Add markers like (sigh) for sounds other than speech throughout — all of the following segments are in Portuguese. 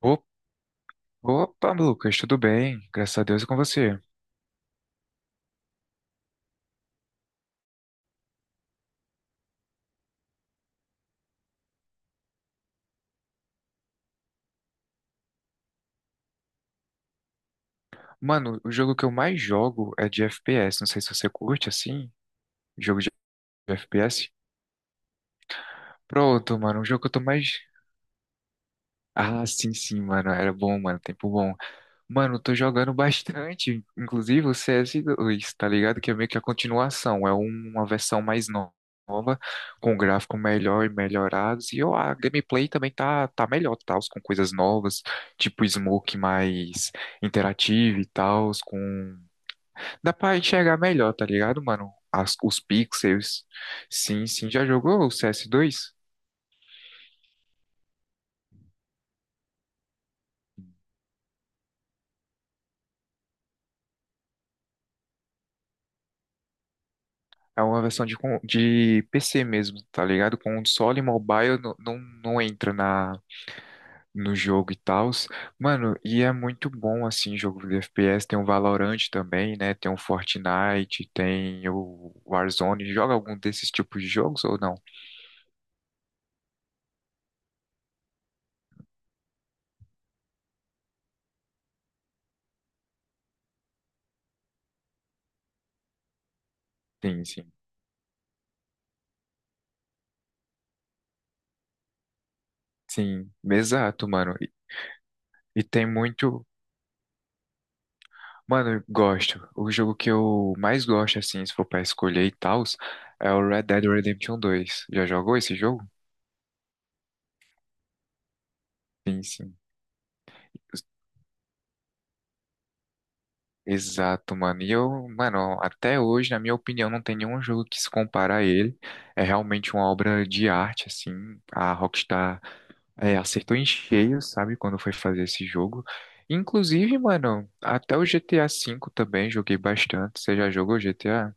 Op- Opa, Lucas, tudo bem? Graças a Deus e com você. Mano, o jogo que eu mais jogo é de FPS. Não sei se você curte assim, jogo de FPS. Pronto, mano, o jogo que eu tô mais. Ah, sim, mano, era bom, mano, tempo bom. Mano, eu tô jogando bastante, inclusive o C s 2, tá ligado? Que é meio que a continuação, é um, uma versão mais nova, com gráfico melhor e melhorados, e ó, a gameplay também tá melhor, tal, com coisas novas, tipo smoke mais interativo e tal, com... Dá pra enxergar melhor, tá ligado, mano? Os pixels, sim, sim, já jogou o C s 2? É uma versão de PC mesmo, tá ligado? Console e mobile não, não entra na no jogo e tals. Mano, e é muito bom assim, jogo de FPS. Tem o Valorant também, né? Tem o Fortnite, tem o Warzone. Joga algum desses tipos de jogos ou não? Sim, sim. Sim, exato, mano. E tem muito. Mano, eu gosto. O jogo que eu mais gosto, assim, se for pra escolher e tals, é o Red Dead Redemption dois. Já jogou esse jogo? Sim, sim. Exato, mano. E eu, mano, até hoje, na minha opinião, não tem nenhum jogo que se compara a ele. É realmente uma obra de arte, assim. A Rockstar é, acertou em cheio, sabe, quando foi fazer esse jogo. Inclusive, mano, até o GTA V também joguei bastante. Você já jogou GTA?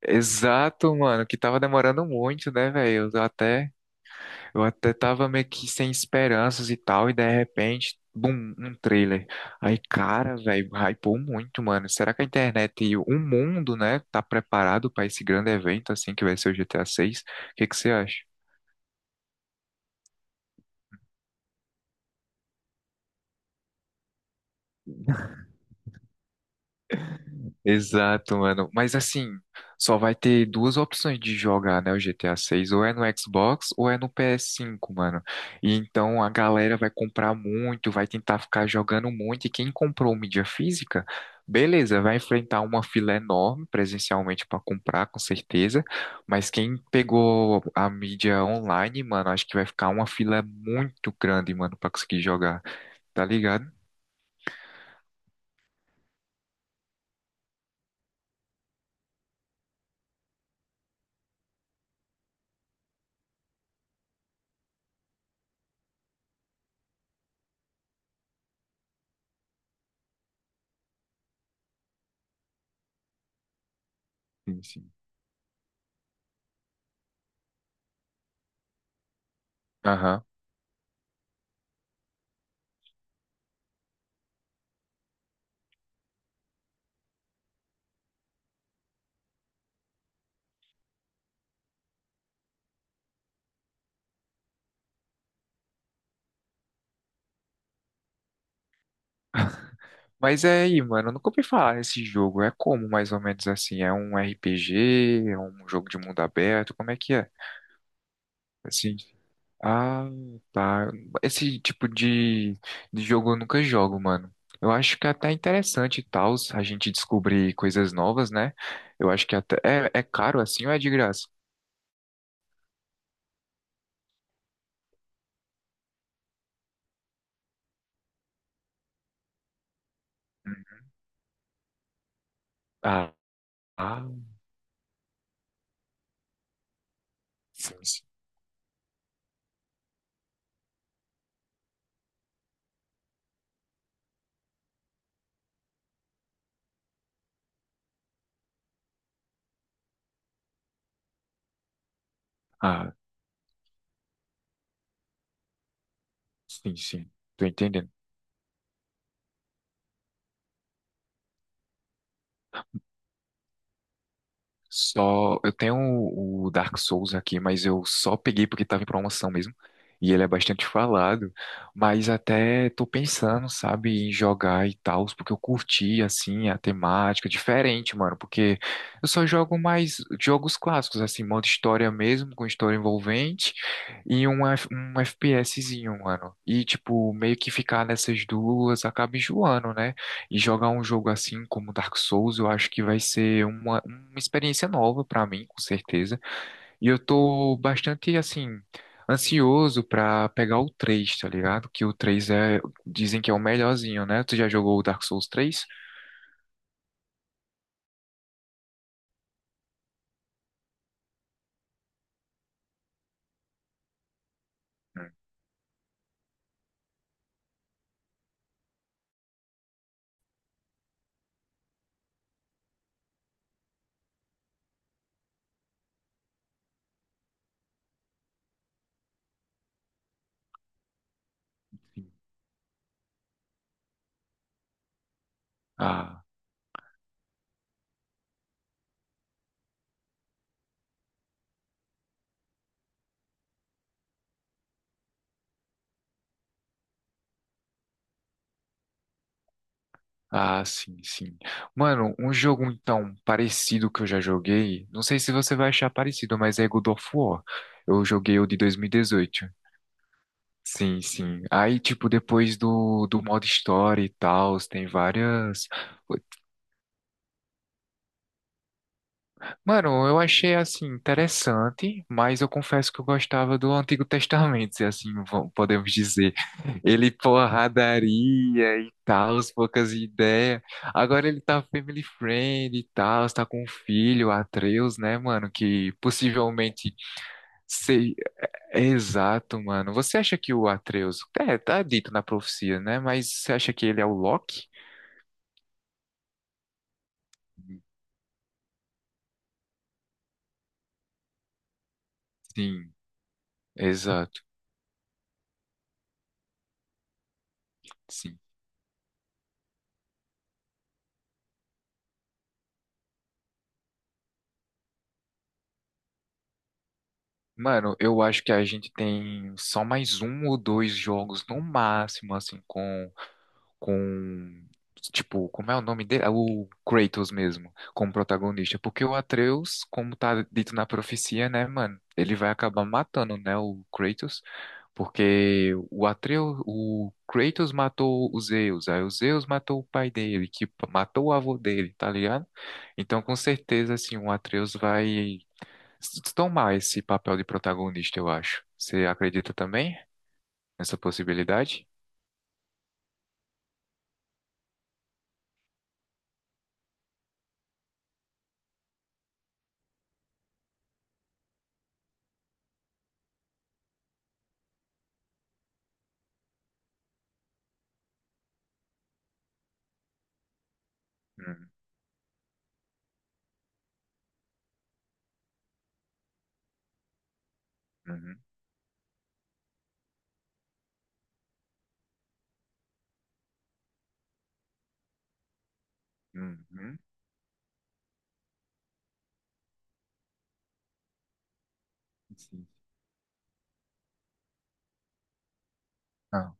Exato, mano, que tava demorando muito, né, velho? Eu até tava meio que sem esperanças e tal, e de repente, bum, um trailer. Aí, cara, velho, hypou muito, mano. Será que a internet e o mundo, né, tá preparado pra esse grande evento, assim, que vai ser o GTA VI? O que que você acha? Exato, mano. Mas assim, só vai ter duas opções de jogar, né, o GTA 6, ou é no Xbox ou é no PS5, mano. E então a galera vai comprar muito, vai tentar ficar jogando muito, e quem comprou mídia física, beleza, vai enfrentar uma fila enorme presencialmente pra comprar, com certeza. Mas quem pegou a mídia online, mano, acho que vai ficar uma fila muito grande, mano, pra conseguir jogar. Tá ligado? Sim, sim. Aham. Mas é aí, mano, eu nunca ouvi falar desse jogo. É como, mais ou menos assim? É um RPG, é um jogo de mundo aberto, como é que é? Assim, ah, tá. Esse tipo de jogo eu nunca jogo, mano. Eu acho que é até interessante e tal, a gente descobrir coisas novas, né? Eu acho que até é caro assim ou é de graça? Hum. Ah, ah, sim. Ah, sim. Tô entendendo. Só eu tenho o Dark Souls aqui, mas eu só peguei porque estava em promoção mesmo. E ele é bastante falado, mas até tô pensando, sabe, em jogar e tal, porque eu curti assim a temática diferente, mano, porque eu só jogo mais jogos clássicos, assim, modo história mesmo, com história envolvente e um, FPSzinho, mano. E tipo, meio que ficar nessas duas acaba enjoando, né? E jogar um jogo assim como Dark Souls, eu acho que vai ser uma experiência nova pra mim, com certeza. E eu tô bastante assim ansioso pra pegar o 3, tá ligado? Que o 3 é, dizem que é o melhorzinho, né? Tu já jogou o Dark Souls três? Sim. Ah, ah, sim. Mano, um jogo então parecido que eu já joguei, não sei se você vai achar parecido, mas é God of War. Eu joguei o de 2018. Sim, sim. Aí, tipo, depois do modo história e tal, tem várias. Mano, eu achei, assim, interessante, mas eu confesso que eu gostava do Antigo Testamento, se assim podemos dizer. Ele, porradaria e tal, poucas ideias. Agora ele tá family friend e tal, tá com um filho, Atreus, né, mano, que possivelmente. Exato, mano. Você acha que o Atreus. É, tá dito na profecia, né? Mas você acha que ele é o Loki? Sim, exato. Sim. Mano, eu acho que a gente tem só mais um ou dois jogos no máximo, assim, com. com tipo, como é o nome dele? É o Kratos mesmo, como protagonista, porque o Atreus, como tá dito na profecia, né, mano, ele vai acabar matando, né, o Kratos, porque o Atreus, o Kratos matou o Zeus, aí o Zeus matou o pai dele, matou o avô dele, tá ligado? Então, com certeza, assim, o Atreus vai tomar esse papel de protagonista, eu acho. Você acredita também nessa possibilidade? Hum, Uhum, uhum. Ah,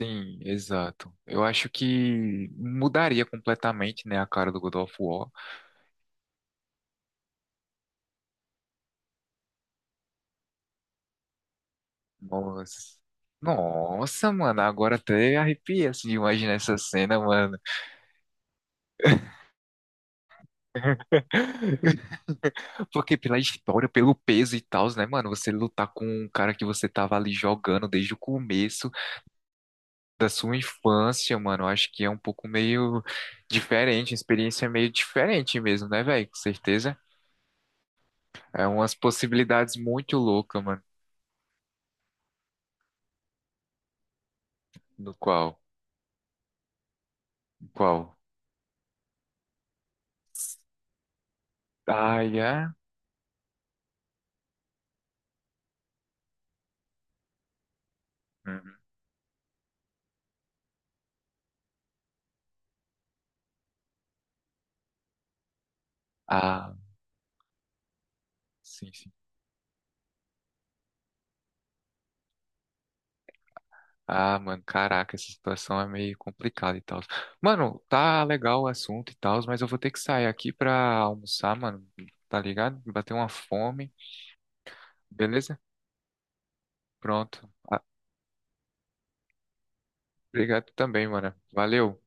sim, exato. Eu acho que mudaria completamente, né, a cara do God of War. Nossa, nossa, mano, agora até arrepia assim, de imaginar essa cena, mano. (laughs) Porque pela história, pelo peso e tal, né, mano? Você lutar com um cara que você tava ali jogando desde o começo da sua infância, mano. Eu acho que é um pouco meio diferente, uma experiência meio diferente mesmo, né, velho? Com certeza. É umas possibilidades muito loucas, mano. No qual? Qual? Ah, é? Uhum. Ah, sim, sim. Ah, mano, caraca, essa situação é meio complicada e tal. Mano, tá legal o assunto e tal, mas eu vou ter que sair aqui pra almoçar, mano. Tá ligado? Bateu uma fome. Beleza? Pronto. Ah, obrigado também, mano. Valeu.